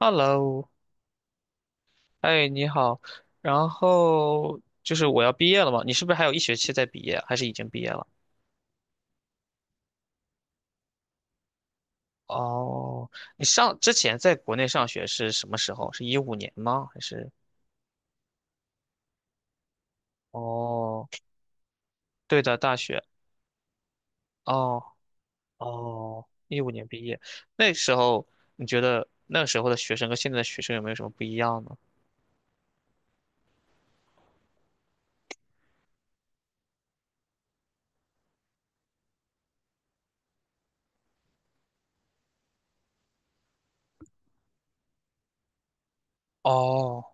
Hello，哎，你好。然后就是我要毕业了嘛，你是不是还有一学期在毕业，还是已经毕业了？哦，你上之前在国内上学是什么时候？是一五年吗？还是？哦，对的，大学。哦哦，一五年毕业，那时候你觉得那时候的学生跟现在的学生有没有什么不一样呢？哦，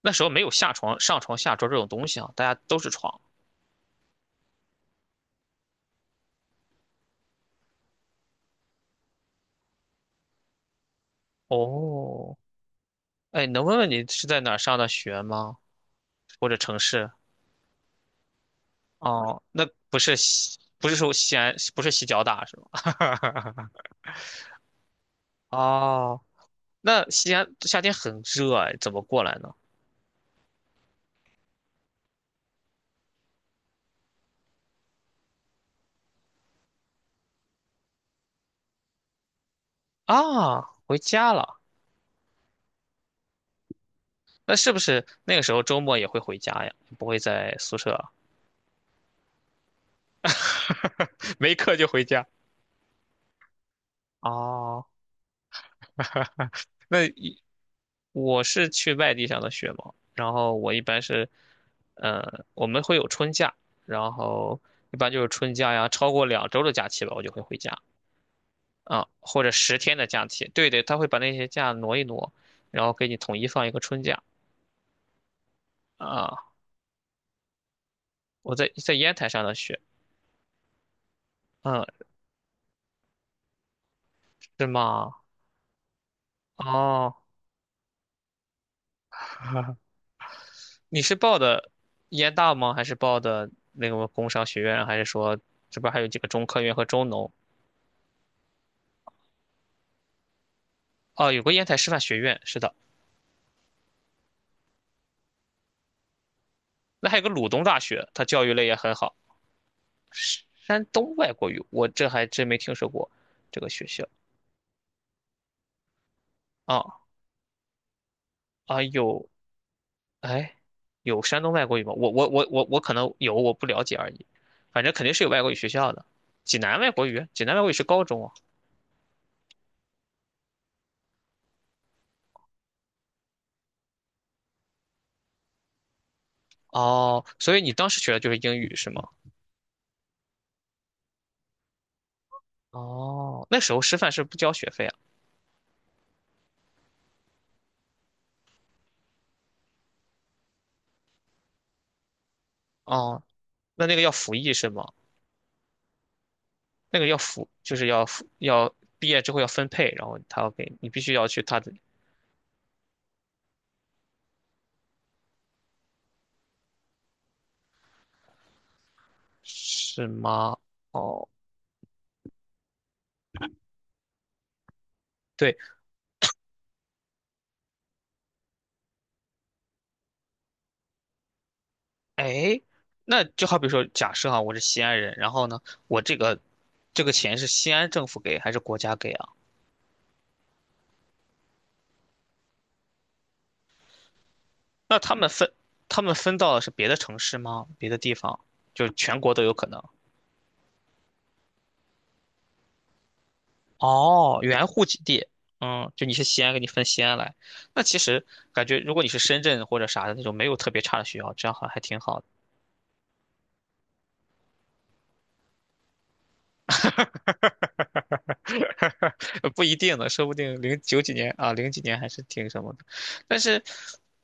那时候没有下床、上床下桌这种东西啊，大家都是床。哦，哎，能问问你是在哪儿上的学吗？或者城市？哦，那不是说西安，不是西交大是吗？哦，那西安夏天很热哎，怎么过来呢？啊，回家了。那是不是那个时候周末也会回家呀？不会在宿舍，没课就回家。哦，那一我是去外地上的学嘛，然后我一般是，我们会有春假，然后一般就是春假呀，超过2周的假期吧，我就会回家。啊，或者10天的假期，对对，他会把那些假挪一挪，然后给你统一放一个春假啊。我在烟台上的学，嗯，是吗？哦，你是报的烟大吗？还是报的那个工商学院？还是说这边还有几个中科院和中农？哦，有个烟台师范学院，是的，那还有个鲁东大学，它教育类也很好。山东外国语，我这还真没听说过这个学校啊啊，有哎，有山东外国语吗？我可能有，我不了解而已。反正肯定是有外国语学校的。济南外国语，济南外国语是高中啊。哦，所以你当时学的就是英语是吗？哦，那时候师范是不交学费啊。哦，那个要服役是吗？那个要服，就是要服，要毕业之后要分配，然后他要给你必须要去他的，是吗？哦，对。哎，那就好比说，假设哈，我是西安人，然后呢，我这个钱是西安政府给还是国家给啊？那他们分他们分到的是别的城市吗？别的地方，就是全国都有可能。哦，原户籍地，嗯，就你是西安，给你分西安来。那其实感觉，如果你是深圳或者啥的那种没有特别差的学校，这样好像还挺好的。哈哈哈哈不一定呢，说不定零九几年啊，零几年还是挺什么的。但是，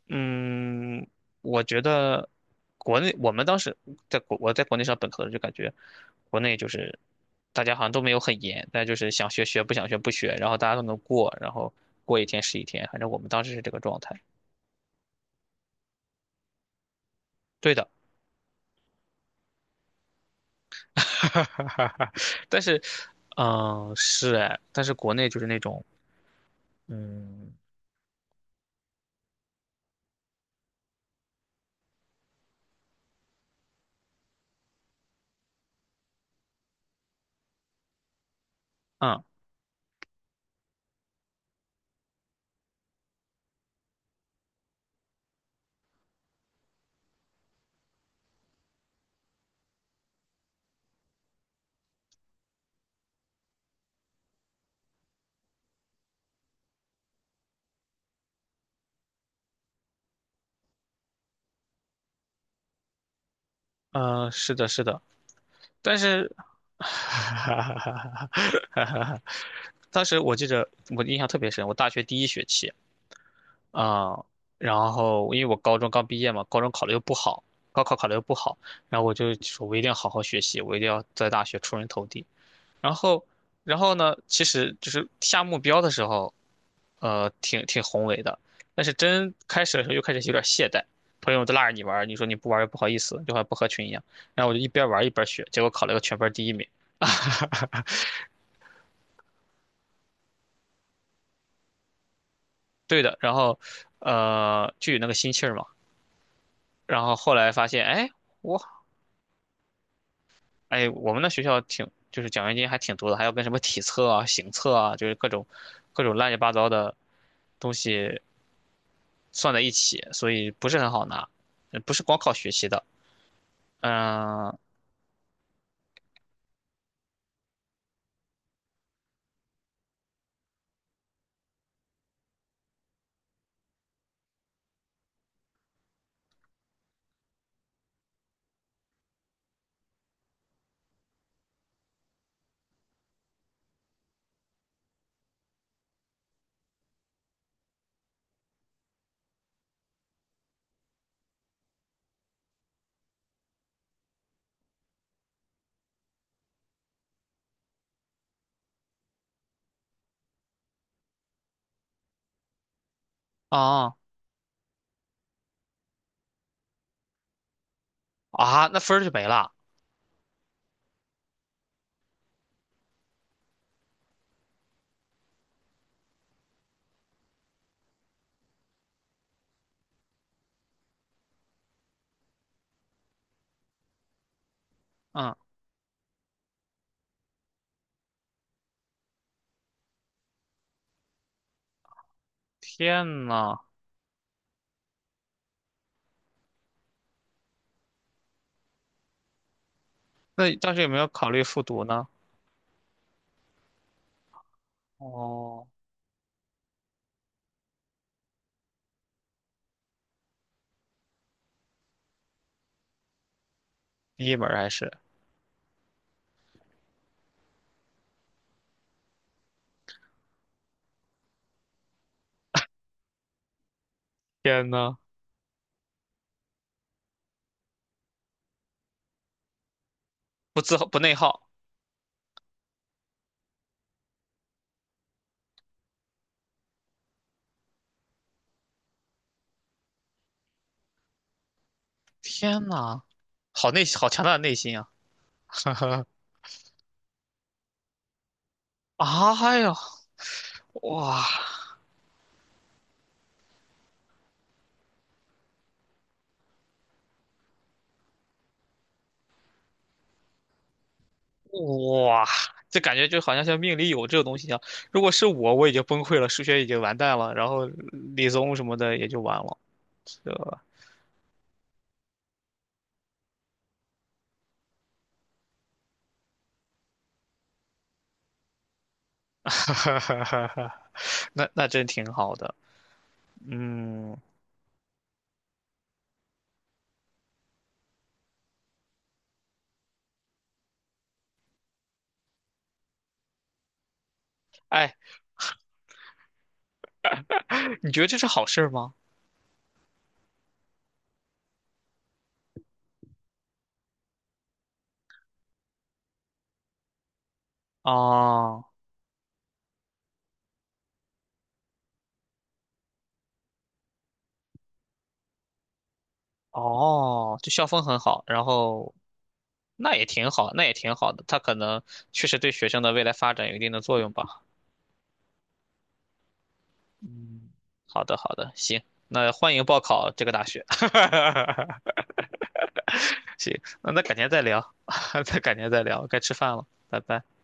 嗯，我觉得国内我们当时我在国内上本科的时候就感觉，国内就是大家好像都没有很严，但就是想学学，不想学不学，然后大家都能过，然后过一天是一天，反正我们当时是这个状态。对的，但是，嗯，是哎，但是国内就是那种，嗯，嗯，嗯，是的，是的。但是，哈哈哈哈哈！当时我记着，我印象特别深，我大学第一学期啊、然后因为我高中刚毕业嘛，高考考的又不好，然后我就说，我一定要好好学习，我一定要在大学出人头地。然后，然后呢，其实就是下目标的时候，挺宏伟的，但是真开始的时候又开始有点懈怠。朋友都拉着你玩儿你说你不玩儿又不好意思，就好像不合群一样。然后我就一边玩儿一边学，结果考了个全班第一名。对的，然后，就有那个心气儿嘛。然后后来发现，哎，我，我们那学校挺，就是奖学金还挺多的，还要跟什么体测啊、行测啊，就是各种乱七八糟的东西算在一起，所以不是很好拿，不是光靠学习的。嗯，啊啊，那分儿就没了。嗯，天呐，那当时有没有考虑复读呢？哦，第一门儿还是，天呐，不内耗。天呐，好强大的内心啊！啊，哎呦，哇哇，这感觉就好像像命里有这个东西一样。如果是我，我已经崩溃了，数学已经完蛋了，然后理综什么的也就完了。这。哈哈哈哈哈那真挺好的。嗯，哎，你觉得这是好事儿吗？哦哦，就校风很好，然后那也挺好，那也挺好的。它可能确实对学生的未来发展有一定的作用吧。嗯，好的好的，行，那欢迎报考这个大学。行，那改天再聊，再改天再聊，该吃饭了，拜拜。